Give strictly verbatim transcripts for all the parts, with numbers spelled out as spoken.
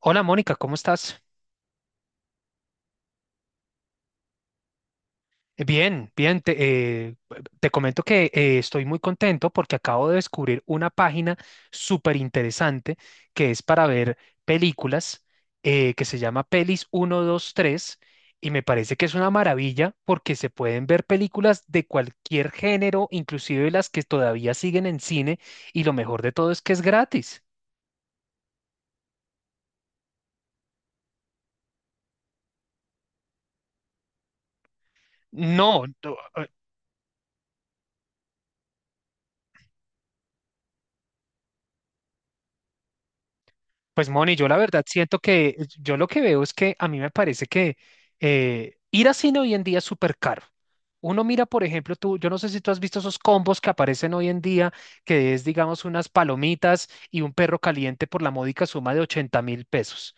Hola Mónica, ¿cómo estás? Eh, Bien, bien, te, eh, te comento que eh, estoy muy contento porque acabo de descubrir una página súper interesante que es para ver películas eh, que se llama Pelis ciento veintitrés y me parece que es una maravilla porque se pueden ver películas de cualquier género, inclusive las que todavía siguen en cine, y lo mejor de todo es que es gratis. No, no. Pues Moni, yo la verdad siento que yo lo que veo es que a mí me parece que eh, ir a cine hoy en día es súper caro. Uno mira, por ejemplo, tú, yo no sé si tú has visto esos combos que aparecen hoy en día, que es, digamos, unas palomitas y un perro caliente por la módica suma de ochenta mil pesos.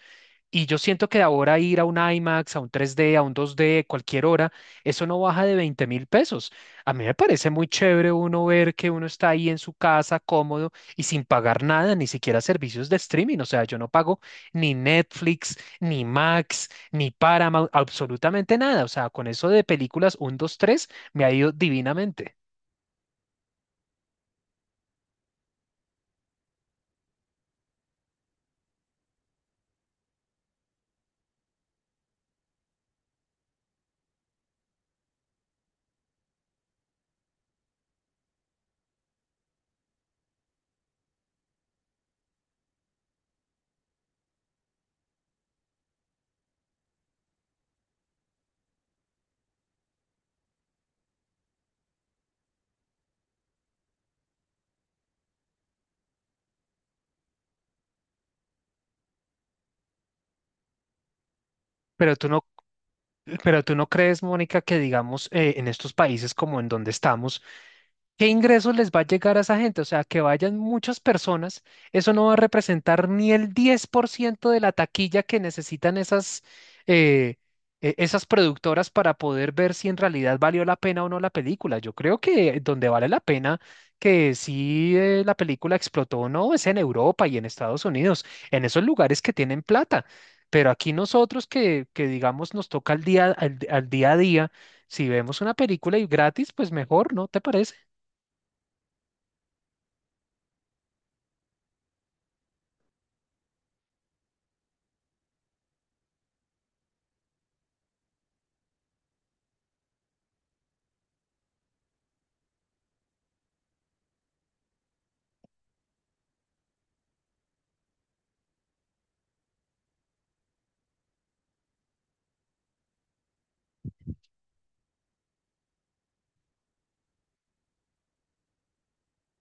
Y yo siento que ahora ir a un IMAX, a un tres D, a un dos D, cualquier hora, eso no baja de veinte mil pesos. A mí me parece muy chévere uno ver que uno está ahí en su casa cómodo y sin pagar nada, ni siquiera servicios de streaming. O sea, yo no pago ni Netflix, ni Max, ni Paramount, absolutamente nada. O sea, con eso de películas uno, dos, tres, me ha ido divinamente. Pero tú no, pero tú no crees, Mónica, que digamos eh, en estos países como en donde estamos, ¿qué ingresos les va a llegar a esa gente? O sea, que vayan muchas personas, eso no va a representar ni el diez por ciento de la taquilla que necesitan esas, eh, e- esas productoras para poder ver si en realidad valió la pena o no la película. Yo creo que donde vale la pena, que si eh, la película explotó o no, es en Europa y en Estados Unidos, en esos lugares que tienen plata. Pero aquí nosotros que, que digamos nos toca al día, al al día a día, si vemos una película y gratis, pues mejor, ¿no te parece?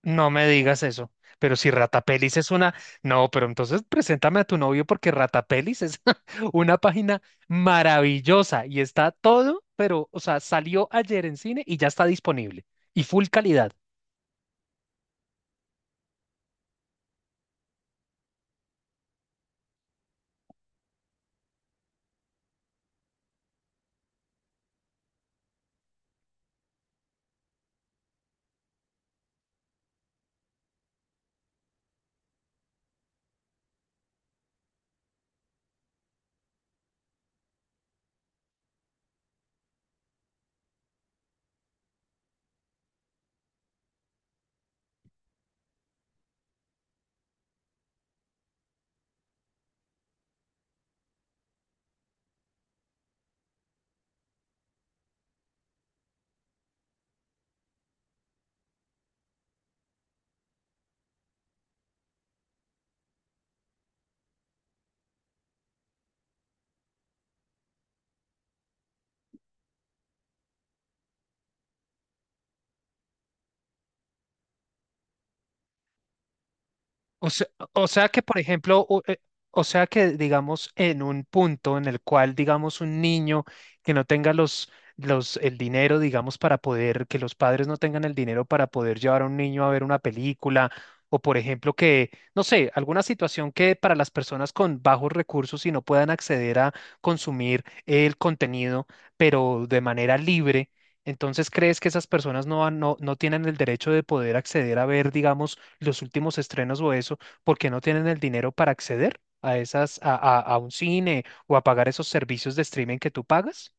No me digas eso. Pero si Ratapelis es una... No, pero entonces preséntame a tu novio porque Ratapelis es una página maravillosa y está todo, pero, o sea, salió ayer en cine y ya está disponible. Y full calidad. O sea, o sea que, por ejemplo, o eh, o sea que, digamos, en un punto en el cual, digamos, un niño que no tenga los, los, el dinero, digamos, para poder, que los padres no tengan el dinero para poder llevar a un niño a ver una película, o por ejemplo que, no sé, alguna situación que para las personas con bajos recursos y no puedan acceder a consumir el contenido, pero de manera libre. Entonces, ¿crees que esas personas no, van- no, no tienen el derecho de poder acceder a ver, digamos, los últimos estrenos o eso, porque no tienen el dinero para acceder a esas, a, a- a un cine o a pagar esos servicios de streaming que tú pagas?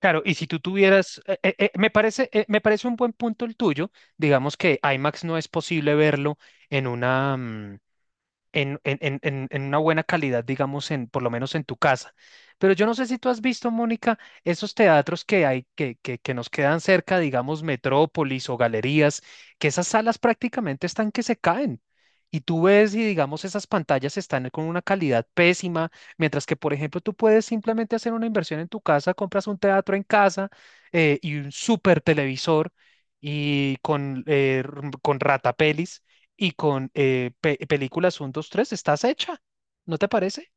Claro, y si tú tuvieras, eh, eh, eh, me parece, eh, me parece un buen punto el tuyo, digamos que IMAX no es posible verlo en una, mm, en, en- en- en- en una buena calidad, digamos, en, por lo menos en tu casa. Pero yo no sé si tú has visto, Mónica, esos teatros que hay, que, que, que nos quedan cerca, digamos, Metrópolis o galerías, que esas salas prácticamente están que se caen. Y tú ves y digamos esas pantallas están con una calidad pésima, mientras que, por ejemplo, tú puedes simplemente hacer una inversión en tu casa, compras un teatro en casa, eh, y un super televisor, y con, eh, r- con ratapelis y con eh, pe- películas uno dos tres estás hecha, ¿no te parece?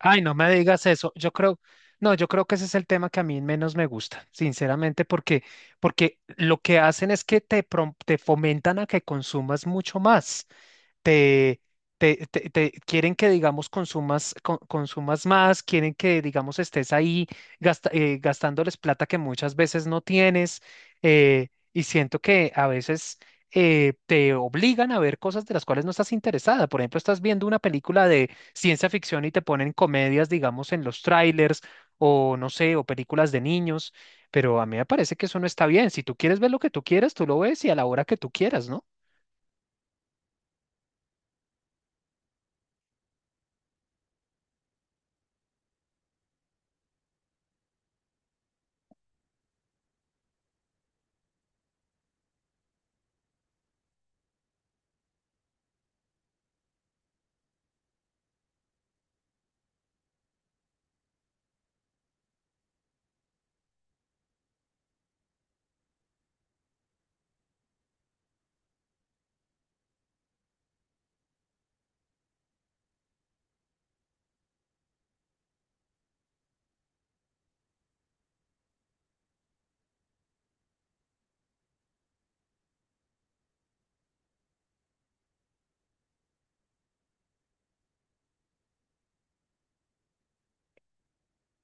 Ay, no me digas eso. Yo creo, no, yo creo que ese es el tema que a mí menos me gusta, sinceramente, porque, porque lo que hacen es que te, prom- te fomentan a que consumas mucho más. te, te, te- te- Quieren que, digamos, consumas, co- consumas más, quieren que, digamos, estés ahí gasta- eh, gastándoles plata que muchas veces no tienes, eh, y siento que a veces eh, te obligan a ver cosas de las cuales no estás interesada. Por ejemplo, estás viendo una película de ciencia ficción y te ponen comedias, digamos, en los trailers, o no sé, o películas de niños, pero a mí me parece que eso no está bien. Si tú quieres ver lo que tú quieras, tú lo ves y a la hora que tú quieras, ¿no?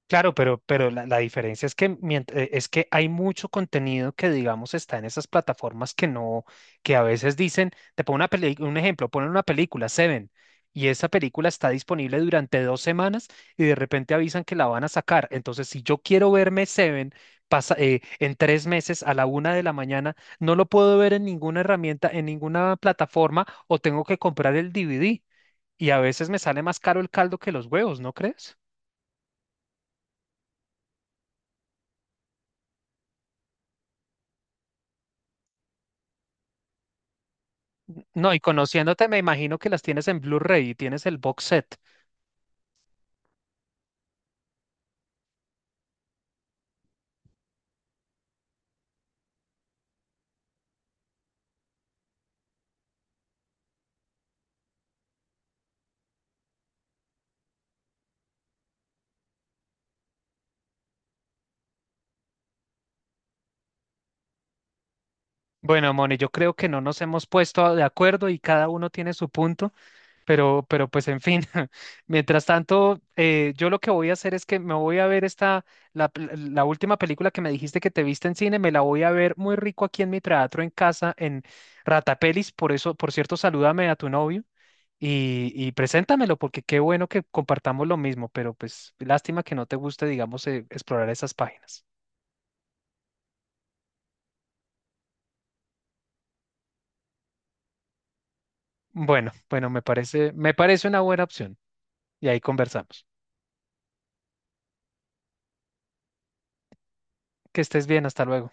Claro, pero, pero la, la diferencia es que, mient- eh, es que hay mucho contenido que, digamos, está en esas plataformas que no, que a veces dicen, te pongo una peli- un ejemplo, ponen una película, Seven, y esa película está disponible durante dos semanas y de repente avisan que la van a sacar. Entonces, si yo quiero verme Seven, pasa, eh, en tres meses a la una de la mañana, no lo puedo ver en ninguna herramienta, en ninguna plataforma, o tengo que comprar el D V D. Y a veces me sale más caro el caldo que los huevos, ¿no crees? No, y conociéndote, me imagino que las tienes en Blu-ray y tienes el box set. Bueno, Moni, yo creo que no nos hemos puesto de acuerdo y cada uno tiene su punto, pero, pero pues en fin, mientras tanto, eh, yo lo que voy a hacer es que me voy a ver esta, la, pel- la última película que me dijiste que te viste en cine, me la voy a ver muy rico aquí en mi teatro en casa, en Ratapelis, por eso, por cierto, salúdame a tu novio. Y, y preséntamelo, porque qué bueno que compartamos lo mismo, pero pues lástima que no te guste, digamos, eh, explorar esas páginas. Bueno, bueno, me parece, me parece una buena opción y ahí conversamos. Que estés bien, hasta luego.